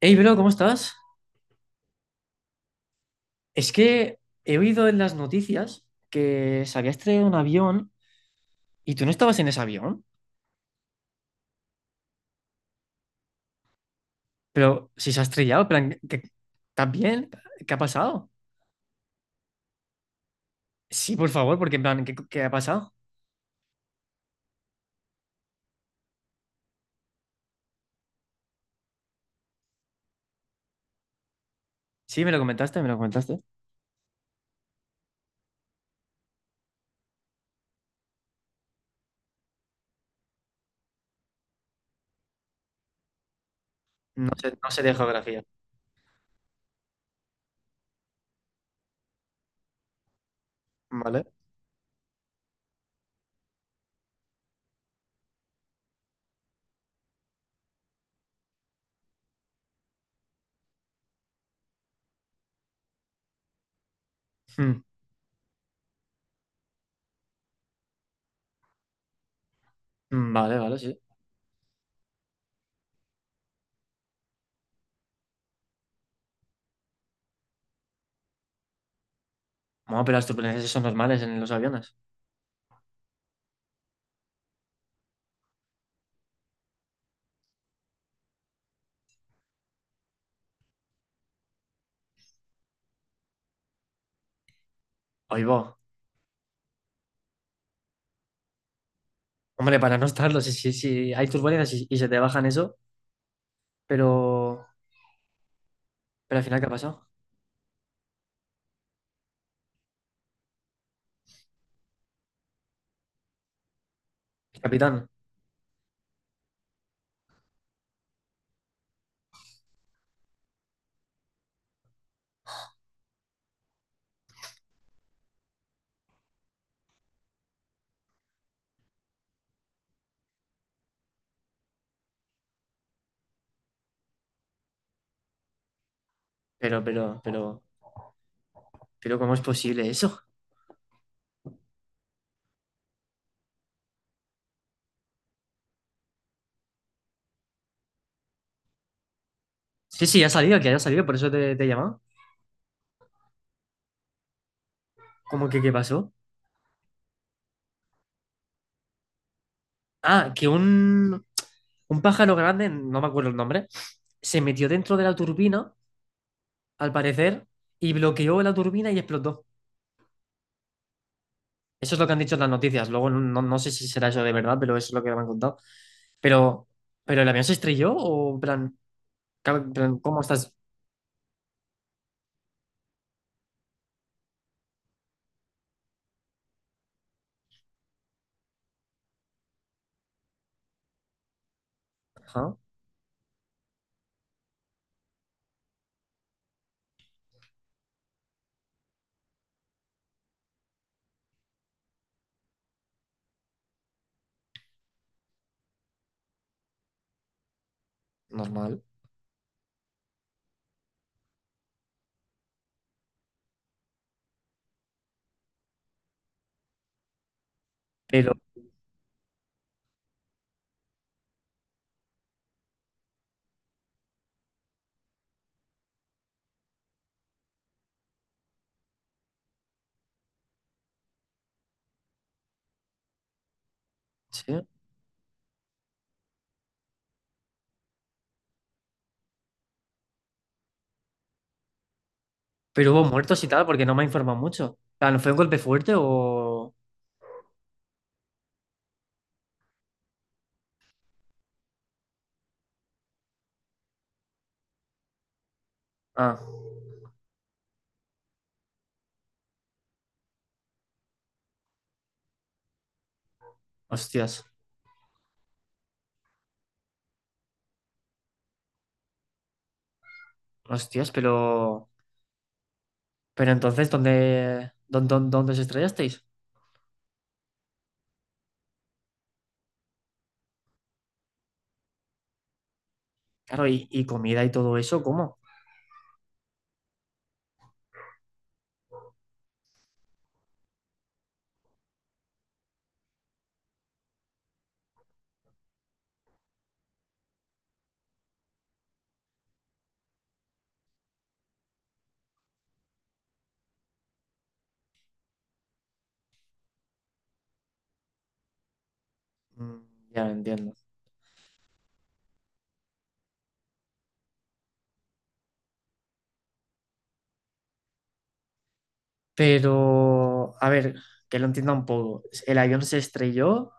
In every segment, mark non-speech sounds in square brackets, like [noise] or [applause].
Hey, bro, ¿cómo estás? Es que he oído en las noticias que se había estrellado un avión y tú no estabas en ese avión. Pero si se ha estrellado, en plan, ¿estás bien? ¿Qué ha pasado? Sí, por favor, porque en plan, ¿qué ha pasado? Sí, me lo comentaste, me lo comentaste. No sé, no sé de geografía. Vale. Mm, mm, vale, vale, sí. Bueno, pero las turbulencias son normales en los aviones. Ahí va. Hombre, para no estarlo, si hay turbulencias y se te bajan eso, pero, pero al final, ¿qué ha pasado? Capitán, pero, pero, pero... Pero ¿cómo es posible eso? Sí, sí, ha salido, que haya salido, por eso te he llamado. ¿Cómo que qué pasó? Ah, que un pájaro grande, no me acuerdo el nombre, se metió dentro de la turbina, al parecer, y bloqueó la turbina y explotó. Eso es lo que han dicho en las noticias. Luego no, no no sé si será eso de verdad, pero eso es lo que me han contado. Pero, ¿pero el avión se estrelló o en plan, en plan, ¿cómo estás? Ajá, normal. Pero, sí. Pero hubo muertos y tal, porque no me ha informado mucho. En plan, ¿fue un golpe fuerte o...? Ah. Hostias, hostias, pero entonces, ¿dónde os estrellasteis? Claro, y comida y todo eso, ¿cómo? Mm, ya lo entiendo. Pero, a ver, que lo entienda un poco. El avión se estrelló,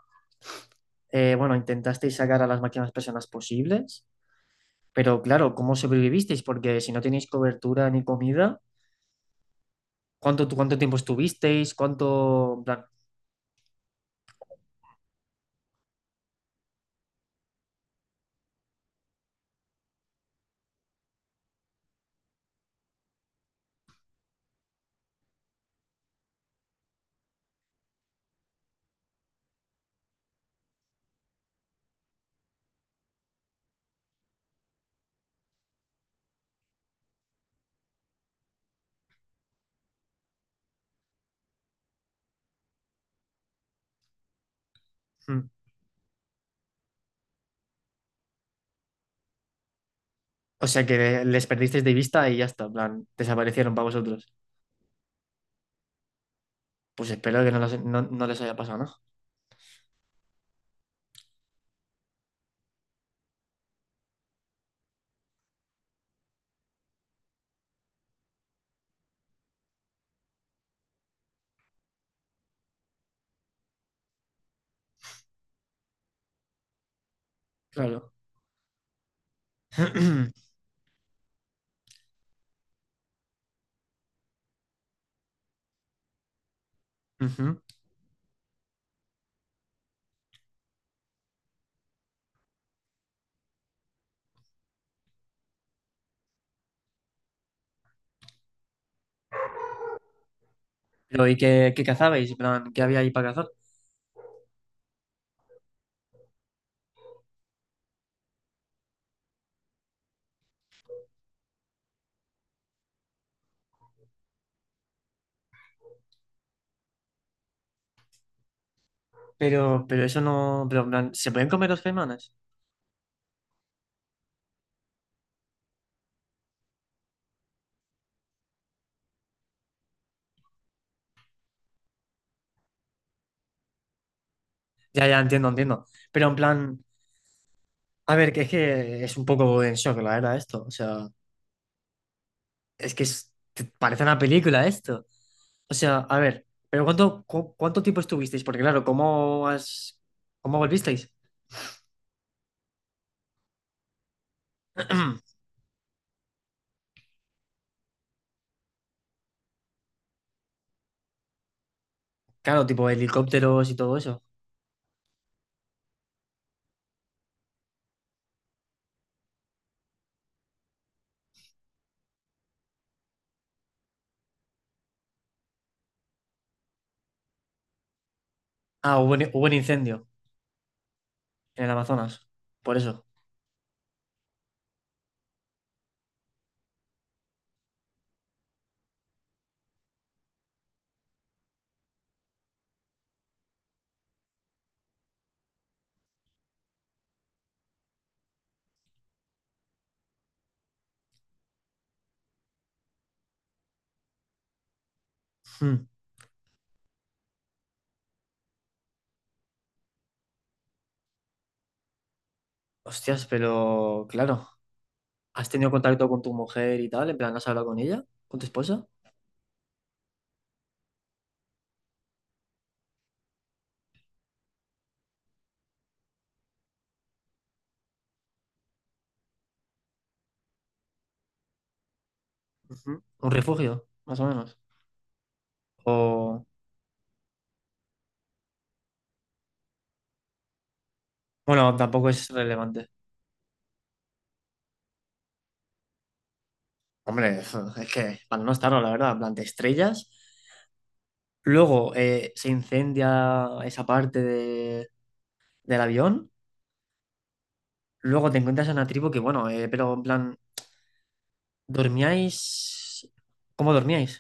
bueno, intentasteis sacar a las máximas personas posibles, pero claro, ¿cómo sobrevivisteis? Porque si no tenéis cobertura ni comida, ¿cuánto tiempo estuvisteis? ¿Cuánto, en plan, mm. O sea que les perdisteis de vista y ya está, en plan, desaparecieron para vosotros. Pues espero que no, no les haya pasado nada. Claro. [clears throat] Ujú. Pero, ¿y qué cazabais? En plan, ¿qué había ahí para cazar? Pero eso no. Pero, en plan, ¿se pueden comer los caimanes? Ya, ya, entiendo, entiendo. Pero, en plan, a ver, que es un poco en shock, la verdad, esto. O sea, es que parece una película esto. O sea, a ver, pero ¿cuánto tiempo estuvisteis? Porque, claro, ¿cómo volvisteis? [clears throat] Claro, tipo helicópteros y todo eso. Ah, hubo un incendio en el Amazonas. Por eso. Mm. Hostias, pero claro, ¿has tenido contacto con tu mujer y tal? En plan, ¿has hablado con ella? ¿Con tu esposa? Ujú. ¿Un refugio, más o menos? O... Bueno, tampoco es relevante. Hombre, es que para no estarlo, la verdad, en plan, te estrellas. Luego se incendia esa parte del avión. Luego te encuentras a una tribu que, bueno, pero en plan, ¿dormíais? ¿Cómo dormíais?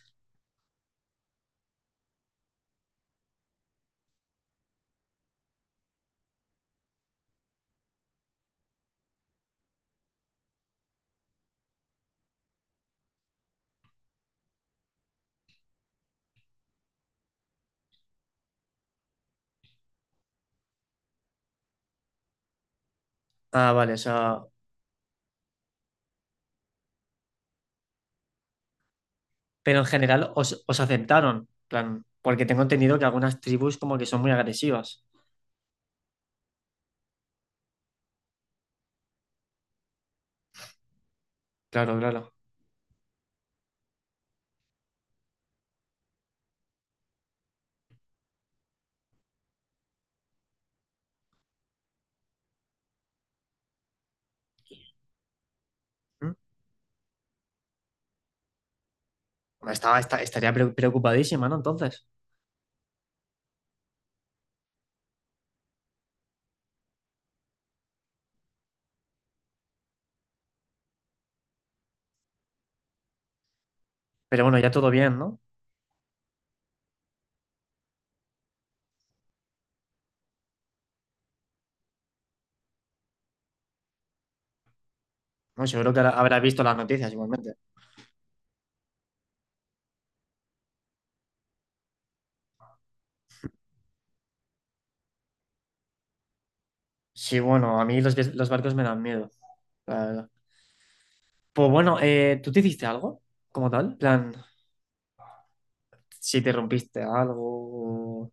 Ah, vale, o sea, pero en general os aceptaron, plan, porque tengo entendido que algunas tribus como que son muy agresivas. Claro, claro. Mm. Bueno, estaría preocupadísima, ¿no? Entonces. Pero bueno, ya todo bien, ¿no? Bueno, seguro que ahora habrá visto las noticias igualmente. Sí, bueno, a mí los barcos me dan miedo, la verdad. Pues bueno, ¿tú te hiciste algo como tal? En plan, si te rompiste algo. o-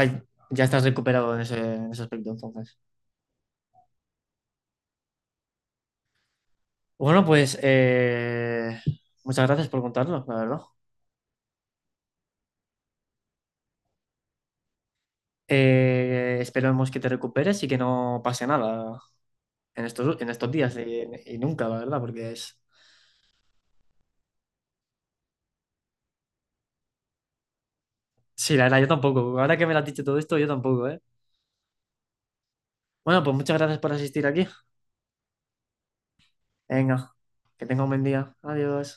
Ay, ya estás recuperado en ese aspecto, entonces. Bueno, pues muchas gracias por contarlo, la verdad. Esperemos que te recuperes y que no pase nada en estos, en estos días y nunca, la verdad, porque es... Sí, la verdad, yo tampoco. Ahora que me lo has dicho todo esto, yo tampoco, ¿eh? Bueno, pues muchas gracias por asistir aquí. Venga, que tenga un buen día. Adiós.